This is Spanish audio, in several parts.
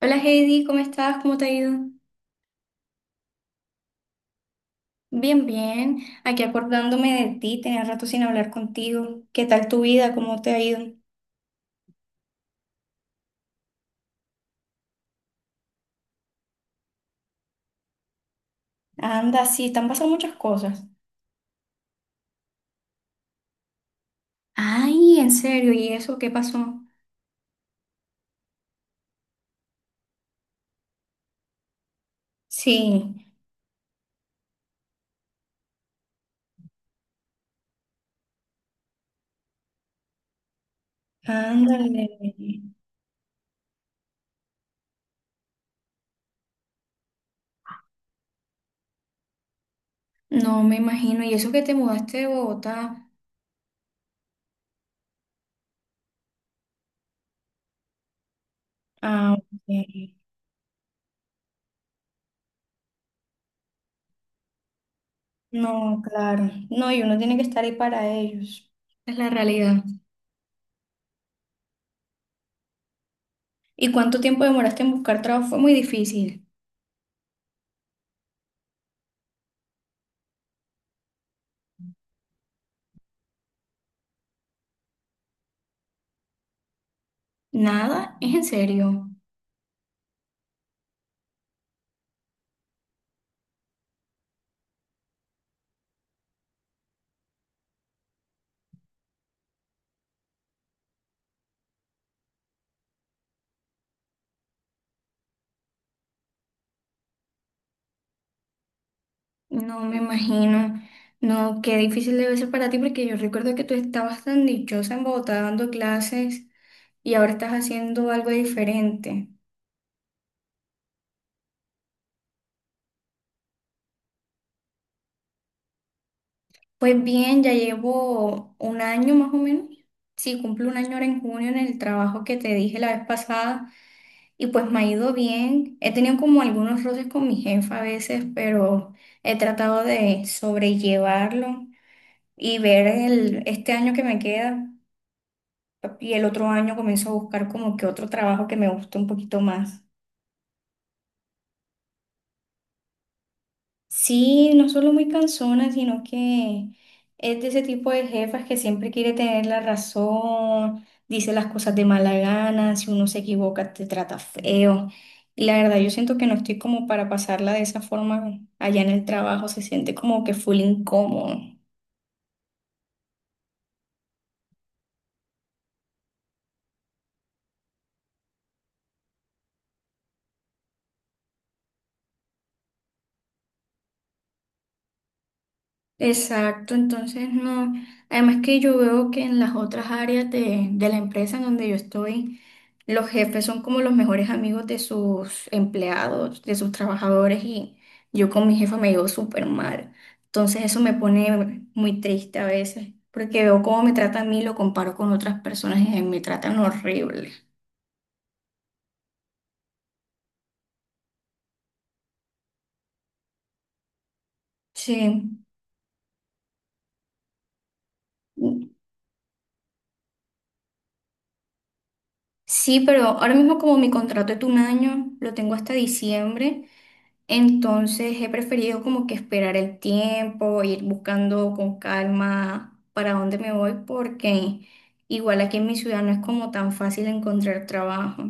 Hola Heidi, ¿cómo estás? ¿Cómo te ha ido? Bien, bien. Aquí acordándome de ti, tenía rato sin hablar contigo. ¿Qué tal tu vida? ¿Cómo te ha ido? Anda, sí, te han pasado muchas cosas. Ay, en serio, ¿y eso qué pasó? Sí, ándale. No me imagino, ¿y eso que te mudaste de Bogotá? Ah, ok. No, claro. No, y uno tiene que estar ahí para ellos. Es la realidad. ¿Y cuánto tiempo demoraste en buscar trabajo? Fue muy difícil. Nada, ¿es en serio? No me imagino. No, qué difícil debe ser para ti porque yo recuerdo que tú estabas tan dichosa en Bogotá dando clases y ahora estás haciendo algo diferente. Pues bien, ya llevo un año más o menos. Sí, cumplo un año ahora en junio en el trabajo que te dije la vez pasada y pues me ha ido bien. He tenido como algunos roces con mi jefa a veces, pero he tratado de sobrellevarlo y ver este año que me queda. Y el otro año comienzo a buscar como que otro trabajo que me guste un poquito más. Sí, no solo muy cansona, sino que es de ese tipo de jefas que siempre quiere tener la razón, dice las cosas de mala gana, si uno se equivoca te trata feo. Y la verdad, yo siento que no estoy como para pasarla de esa forma allá en el trabajo, se siente como que full incómodo. Exacto, entonces no. Además que yo veo que en las otras áreas de la empresa en donde yo estoy, los jefes son como los mejores amigos de sus empleados, de sus trabajadores y yo con mi jefa me llevo súper mal. Entonces eso me pone muy triste a veces, porque veo cómo me trata a mí y lo comparo con otras personas y me tratan horrible. Sí, sí, pero ahora mismo como mi contrato es de un año, lo tengo hasta diciembre. Entonces he preferido como que esperar el tiempo, ir buscando con calma para dónde me voy, porque igual aquí en mi ciudad no es como tan fácil encontrar trabajo.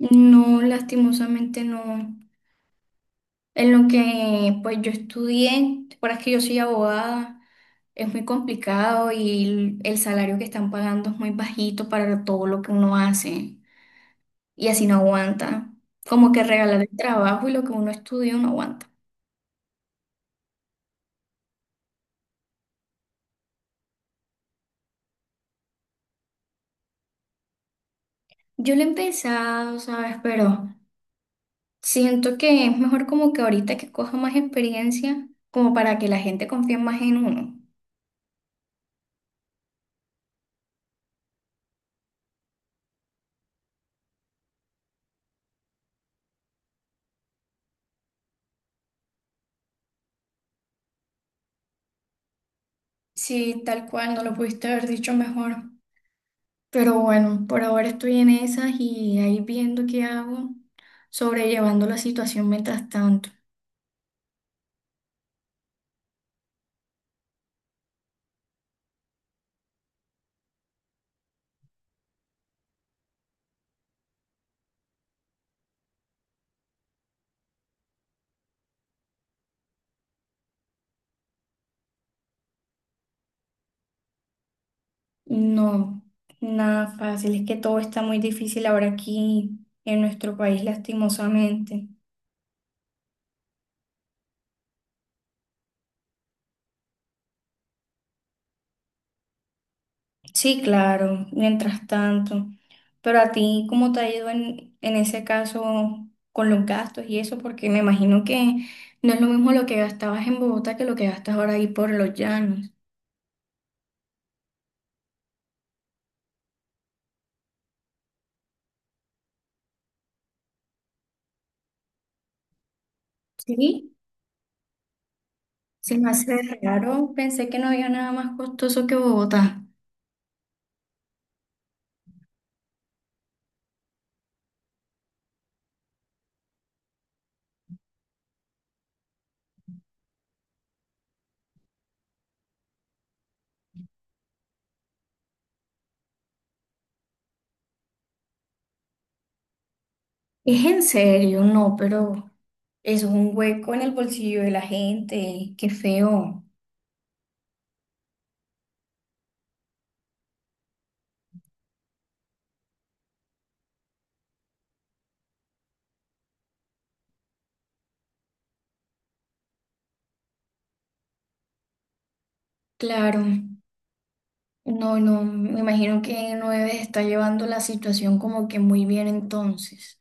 No, lastimosamente no. En lo que pues yo estudié, para que yo soy abogada, es muy complicado y el salario que están pagando es muy bajito para todo lo que uno hace y así no aguanta. Como que regalar el trabajo y lo que uno estudió no aguanta. Yo lo he empezado, ¿sabes? Pero siento que es mejor como que ahorita que coja más experiencia, como para que la gente confíe más en uno. Sí, tal cual, no lo pudiste haber dicho mejor. Pero bueno, por ahora estoy en esas y ahí viendo qué hago, sobrellevando la situación mientras tanto. No, nada fácil, es que todo está muy difícil ahora aquí en nuestro país, lastimosamente. Sí, claro, mientras tanto. Pero a ti, ¿cómo te ha ido en ese caso con los gastos y eso? Porque me imagino que no es lo mismo lo que gastabas en Bogotá que lo que gastas ahora ahí por los llanos. Sí, se me hace raro. Pensé que no había nada más costoso que Bogotá. Es en serio, no, pero eso es un hueco en el bolsillo de la gente. Qué feo. Claro. No, no, me imagino que no debes estar llevando la situación como que muy bien entonces.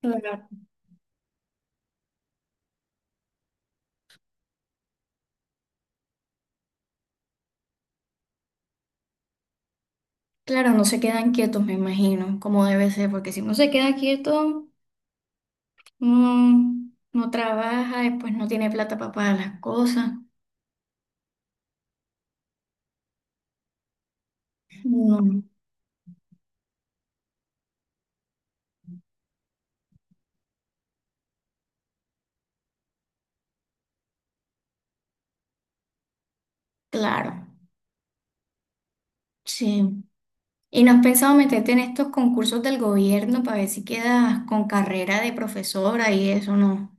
Claro, claro, no se quedan quietos, me imagino, como debe ser, porque si uno se queda quieto, no, no trabaja, después no tiene plata para pagar las cosas. No, claro, sí. ¿Y no has pensado meterte en estos concursos del gobierno para ver si quedas con carrera de profesora y eso, no?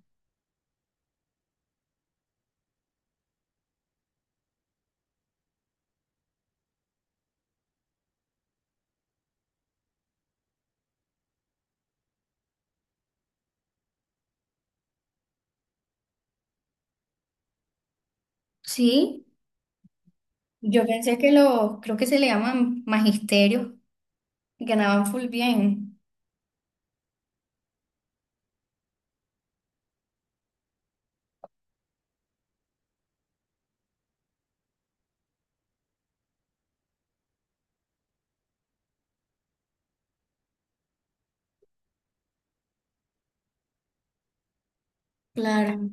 Sí, yo pensé que los, creo que se le llaman magisterios, ganaban full bien. Claro.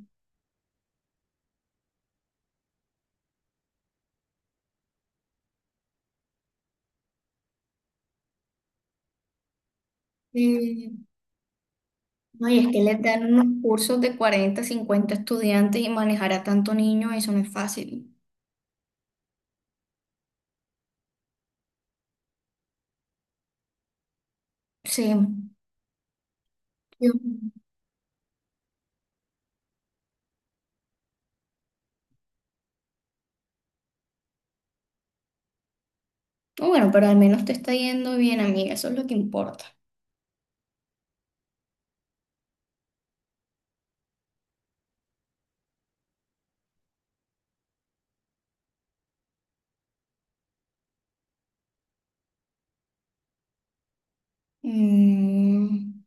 Sí. No, y es que les dan unos cursos de 40 o 50 estudiantes y manejar a tanto niño, eso no es fácil. Sí. Yo- no, bueno, pero al menos te está yendo bien, amiga, eso es lo que importa. Mm,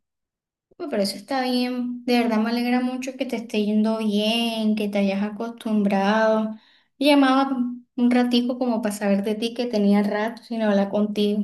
bueno, pero eso está bien. De verdad me alegra mucho que te esté yendo bien, que te hayas acostumbrado. Llamaba un ratico como para saber de ti que tenía rato sin hablar contigo.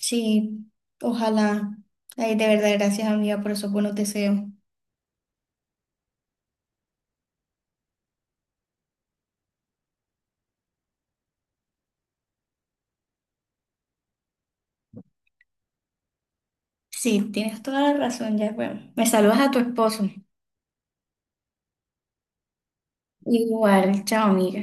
Sí, ojalá. Ay, de verdad, gracias, amiga, por esos buenos deseos. Sí, tienes toda la razón, ya, bueno. Me saludas a tu esposo. Igual, chao, amiga.